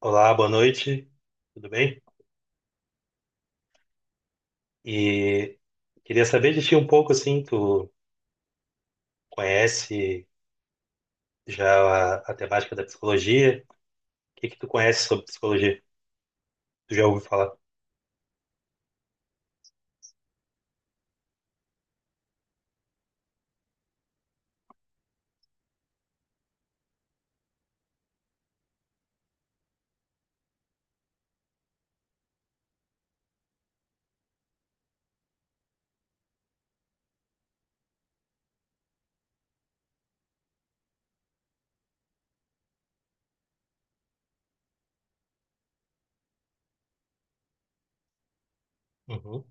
Olá, boa noite, tudo bem? E Queria saber de ti um pouco, assim, tu conhece já a temática da psicologia? O que que tu conhece sobre psicologia? Tu já ouviu falar? Uhum.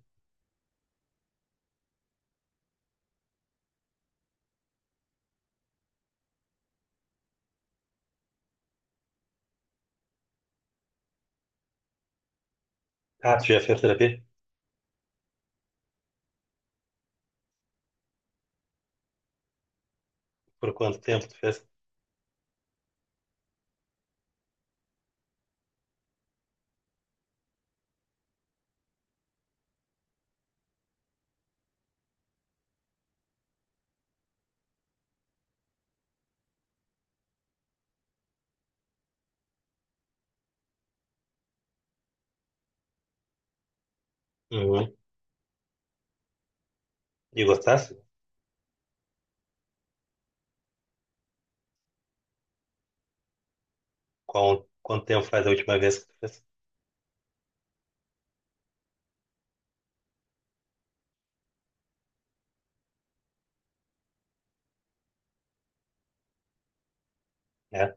Ah, tu já fez terapia? Por quanto tempo tu fez? Uhum. E gostaste? Qual, quanto tempo faz a última vez que tu fez? É.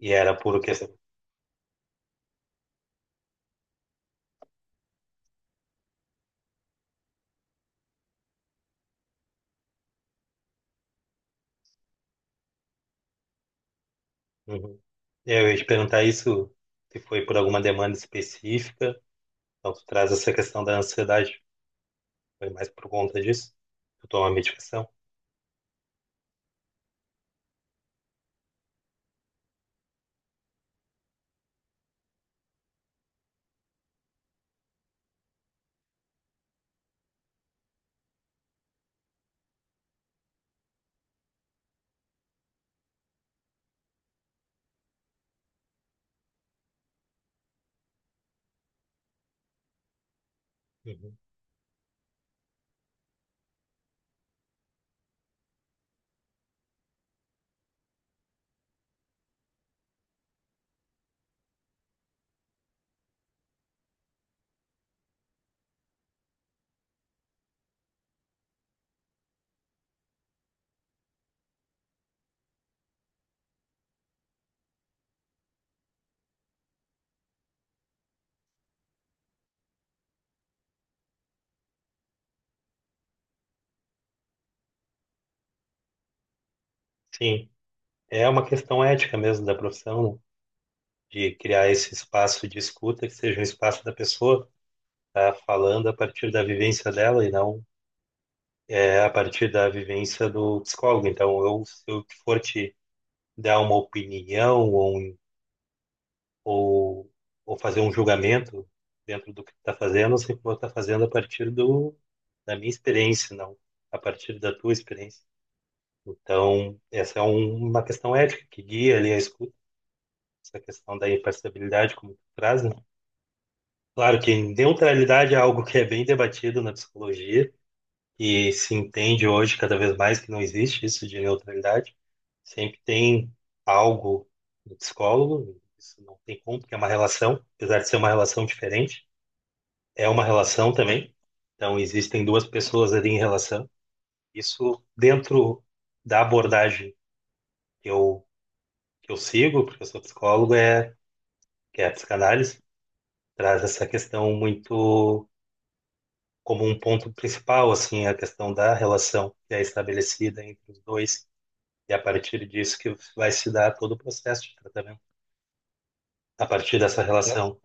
E era por questão. Uhum. Eu ia te perguntar isso, se foi por alguma demanda específica, então tu traz essa questão da ansiedade, foi mais por conta disso? Tu toma medicação? Uhum. Sim, é uma questão ética mesmo da profissão, né? De criar esse espaço de escuta que seja um espaço da pessoa tá falando a partir da vivência dela e não é a partir da vivência do psicólogo. Então, eu, se eu for te dar uma opinião ou, ou, ou fazer um julgamento dentro do que tu está fazendo, eu sempre vou estar fazendo a partir do, da minha experiência, não a partir da tua experiência. Então, essa é uma questão ética que guia ali a escuta. Essa questão da imparcialidade como tu traz, né? Claro que neutralidade é algo que é bem debatido na psicologia e se entende hoje cada vez mais que não existe isso de neutralidade. Sempre tem algo do psicólogo, isso não tem como, porque é uma relação, apesar de ser uma relação diferente, é uma relação também. Então existem duas pessoas ali em relação. Isso dentro da abordagem que eu sigo, porque eu sou psicólogo, é que é a psicanálise traz essa questão muito como um ponto principal, assim, a questão da relação que é estabelecida entre os dois, e a partir disso que vai se dar todo o processo de tratamento, a partir dessa, né, relação.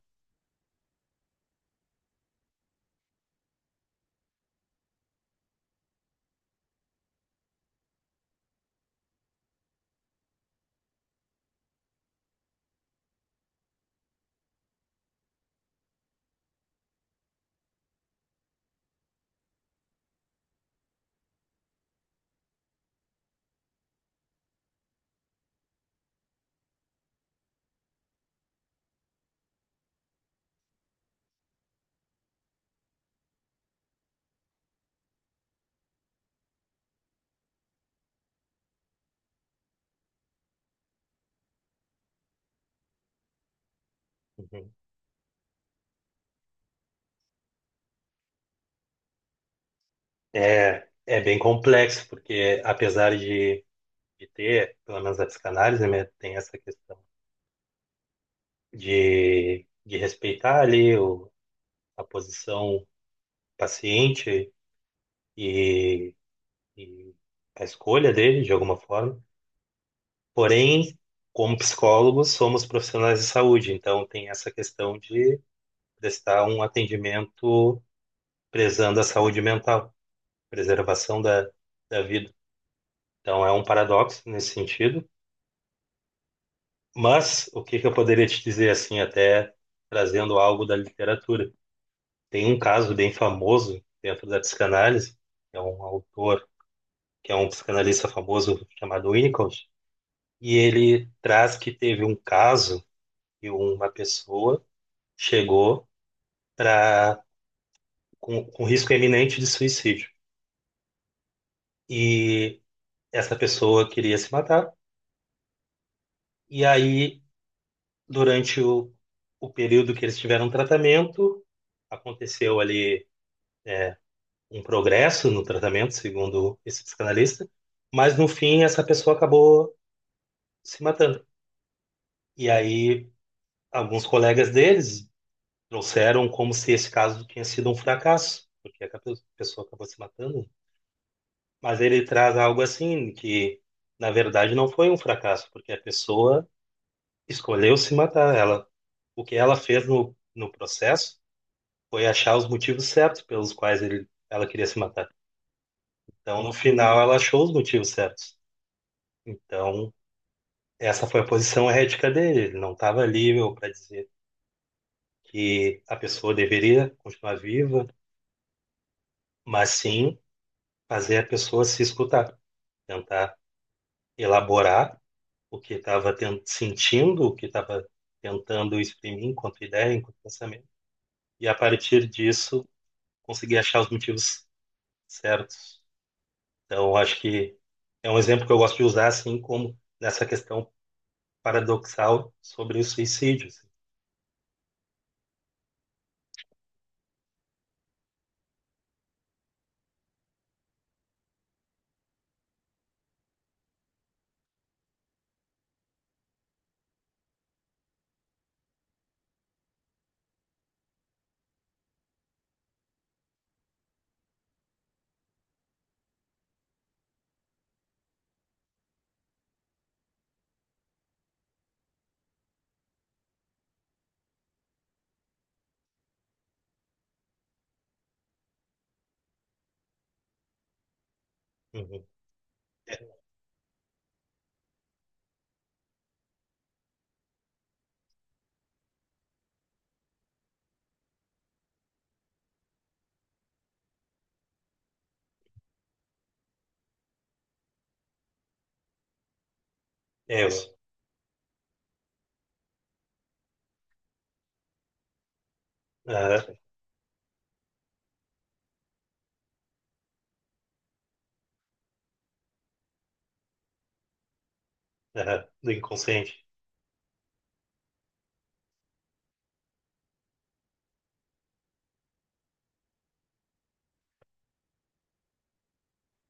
Uhum. É, é bem complexo, porque apesar de ter, pelo menos a psicanálise, né, tem essa questão de respeitar ali o, a posição do paciente e, e a escolha dele, de alguma forma. Porém, como psicólogos, somos profissionais de saúde, então tem essa questão de prestar um atendimento prezando a saúde mental, preservação da, da vida. Então é um paradoxo nesse sentido. Mas o que que eu poderia te dizer, assim, até trazendo algo da literatura? Tem um caso bem famoso dentro da psicanálise, que é um autor, que é um psicanalista famoso chamado Winnicott, e ele traz que teve um caso que uma pessoa chegou pra, com risco iminente de suicídio. E essa pessoa queria se matar, e aí, durante o período que eles tiveram tratamento, aconteceu ali um progresso no tratamento, segundo esse psicanalista, mas no fim essa pessoa acabou se matando. E aí, alguns colegas deles trouxeram como se esse caso tinha sido um fracasso, porque a pessoa acabou se matando. Mas ele traz algo assim que, na verdade, não foi um fracasso, porque a pessoa escolheu se matar. Ela, o que ela fez no processo foi achar os motivos certos pelos quais ela queria se matar. Então, no final, ela achou os motivos certos. Então, essa foi a posição ética dele. Ele não estava livre para dizer que a pessoa deveria continuar viva, mas sim fazer a pessoa se escutar, tentar elaborar o que estava sentindo, o que estava tentando exprimir enquanto ideia, enquanto pensamento, e a partir disso conseguir achar os motivos certos. Então, acho que é um exemplo que eu gosto de usar, assim como nessa questão paradoxal sobre os suicídios. Uhum. É, isso. Aham, aham, do inconsciente.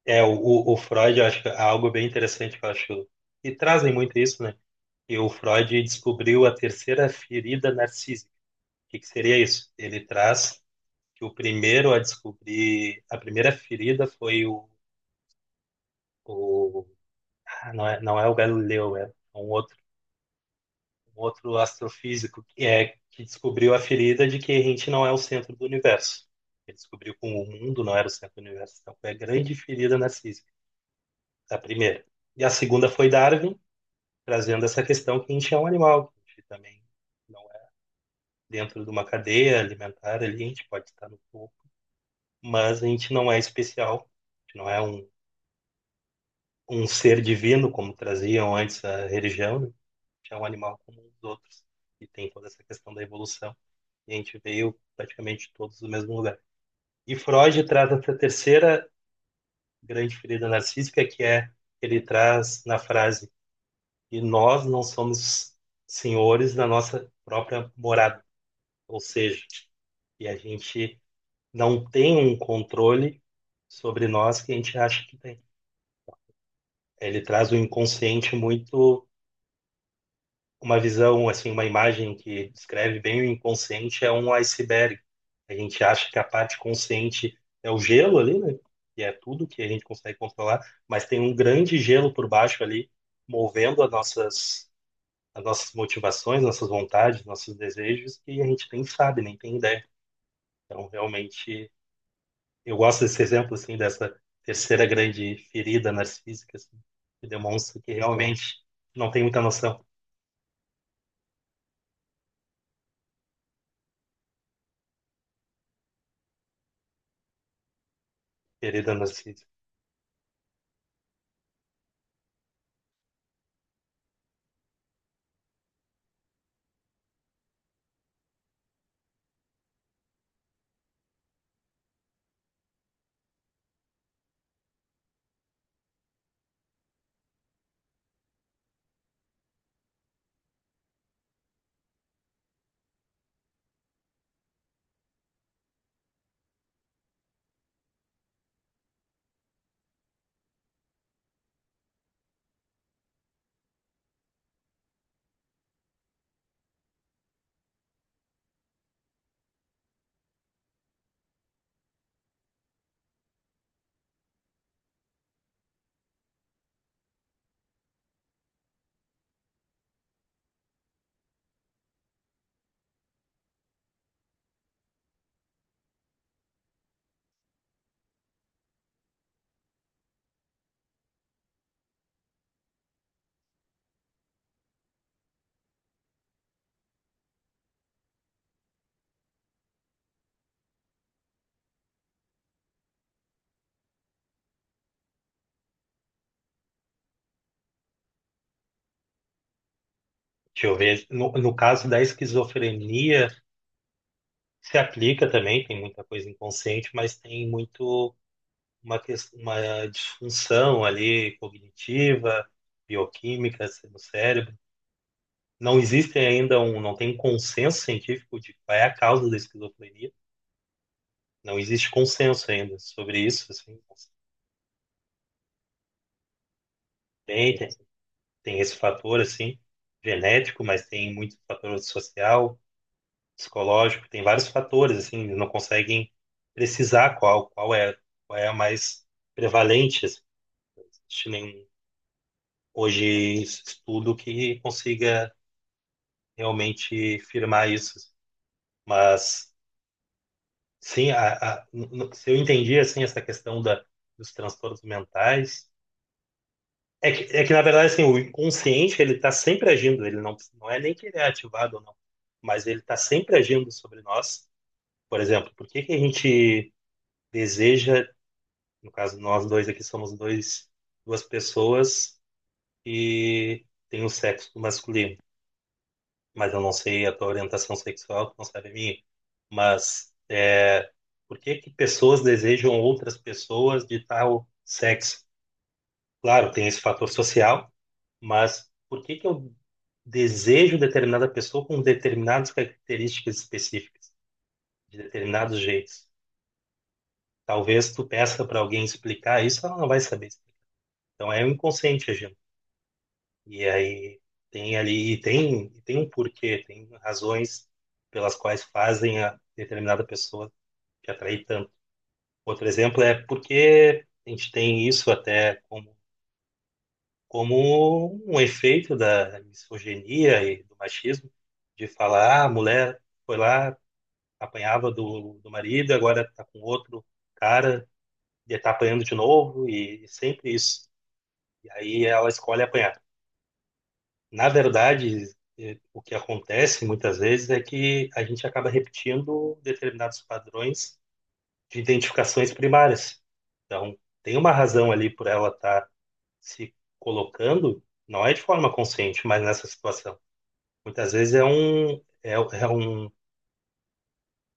É, o Freud, eu acho que é algo bem interessante que eu acho, e trazem muito isso, né? E o Freud descobriu a terceira ferida narcísica. O que que seria isso? Ele traz que o primeiro a descobrir, a primeira ferida foi o ah, não é o Galileu, é um outro astrofísico que é que descobriu a ferida de que a gente não é o centro do universo. Ele descobriu que o mundo não era o centro do universo, então foi a grande ferida na física, a primeira. E a segunda foi Darwin, trazendo essa questão que a gente é um animal, que a gente também não é, dentro de uma cadeia alimentar ali, a gente pode estar no topo, mas a gente não é especial, a gente não é um ser divino, como traziam antes a religião, né? É um animal como os outros, e tem toda essa questão da evolução, e a gente veio praticamente todos do mesmo lugar. E Freud traz essa terceira grande ferida narcísica, que é, ele traz na frase que nós não somos senhores da nossa própria morada, ou seja, que a gente não tem um controle sobre nós que a gente acha que tem. Ele traz o um inconsciente muito, uma visão, assim, uma imagem que descreve bem o inconsciente é um iceberg. A gente acha que a parte consciente é o gelo ali, né? Que é tudo que a gente consegue controlar, mas tem um grande gelo por baixo ali, movendo as nossas motivações, nossas vontades, nossos desejos, que a gente nem sabe, nem tem ideia. Então, realmente, eu gosto desse exemplo, assim, dessa terceira grande ferida narcísica, assim, que demonstra que realmente não tem muita noção, ferida narcísica. Deixa eu ver. No caso da esquizofrenia, se aplica também, tem muita coisa inconsciente, mas tem muito uma, uma disfunção ali cognitiva, bioquímica, assim, no cérebro. Não existe ainda um, não tem um consenso científico de qual é a causa da esquizofrenia. Não existe consenso ainda sobre isso, assim. Tem, tem, tem esse fator, assim, genético, mas tem muito fator social, psicológico, tem vários fatores, assim, eles não conseguem precisar qual, qual é a mais prevalente, assim, não existe nenhum hoje estudo que consiga realmente firmar isso, assim. Mas sim, a, se eu entendi, assim, essa questão da, dos transtornos mentais, é que na verdade, assim, o inconsciente, ele está sempre agindo, ele não, não é nem que ele é ativado ou não, mas ele está sempre agindo sobre nós. Por exemplo, por que que a gente deseja, no caso, nós dois aqui somos dois, duas pessoas e tem o sexo masculino. Mas eu não sei a tua orientação sexual, tu não sabe a minha. Mas é, por que que pessoas desejam outras pessoas de tal sexo? Claro, tem esse fator social, mas por que que eu desejo determinada pessoa com determinadas características específicas, de determinados jeitos? Talvez tu peça para alguém explicar isso, ela não vai saber explicar. Então é o inconsciente agindo. E aí tem ali, e tem um porquê, tem razões pelas quais fazem a determinada pessoa te atrair tanto. Outro exemplo é porque a gente tem isso até como, como um efeito da misoginia e do machismo, de falar, ah, a mulher foi lá, apanhava do marido, agora tá com outro cara, e tá apanhando de novo, e sempre isso. E aí ela escolhe apanhar. Na verdade, o que acontece muitas vezes é que a gente acaba repetindo determinados padrões de identificações primárias. Então, tem uma razão ali por ela estar se colocando, não é de forma consciente, mas nessa situação. Muitas vezes é um, é, é um,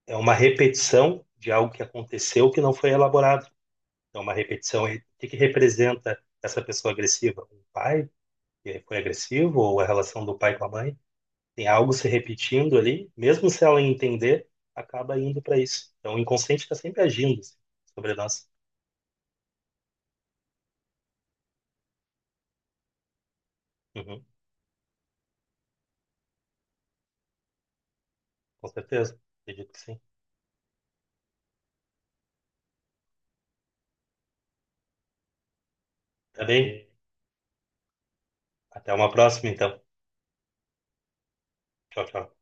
é uma repetição de algo que aconteceu que não foi elaborado. Então, uma repetição, e o que que representa essa pessoa agressiva? Um pai que foi agressivo ou a relação do pai com a mãe? Tem algo se repetindo ali, mesmo se ela entender, acaba indo para isso. Então, o inconsciente está sempre agindo, assim, sobre nós. Uhum, com certeza, acredito que sim. Tá bem? Até uma próxima, então. Tchau, tchau.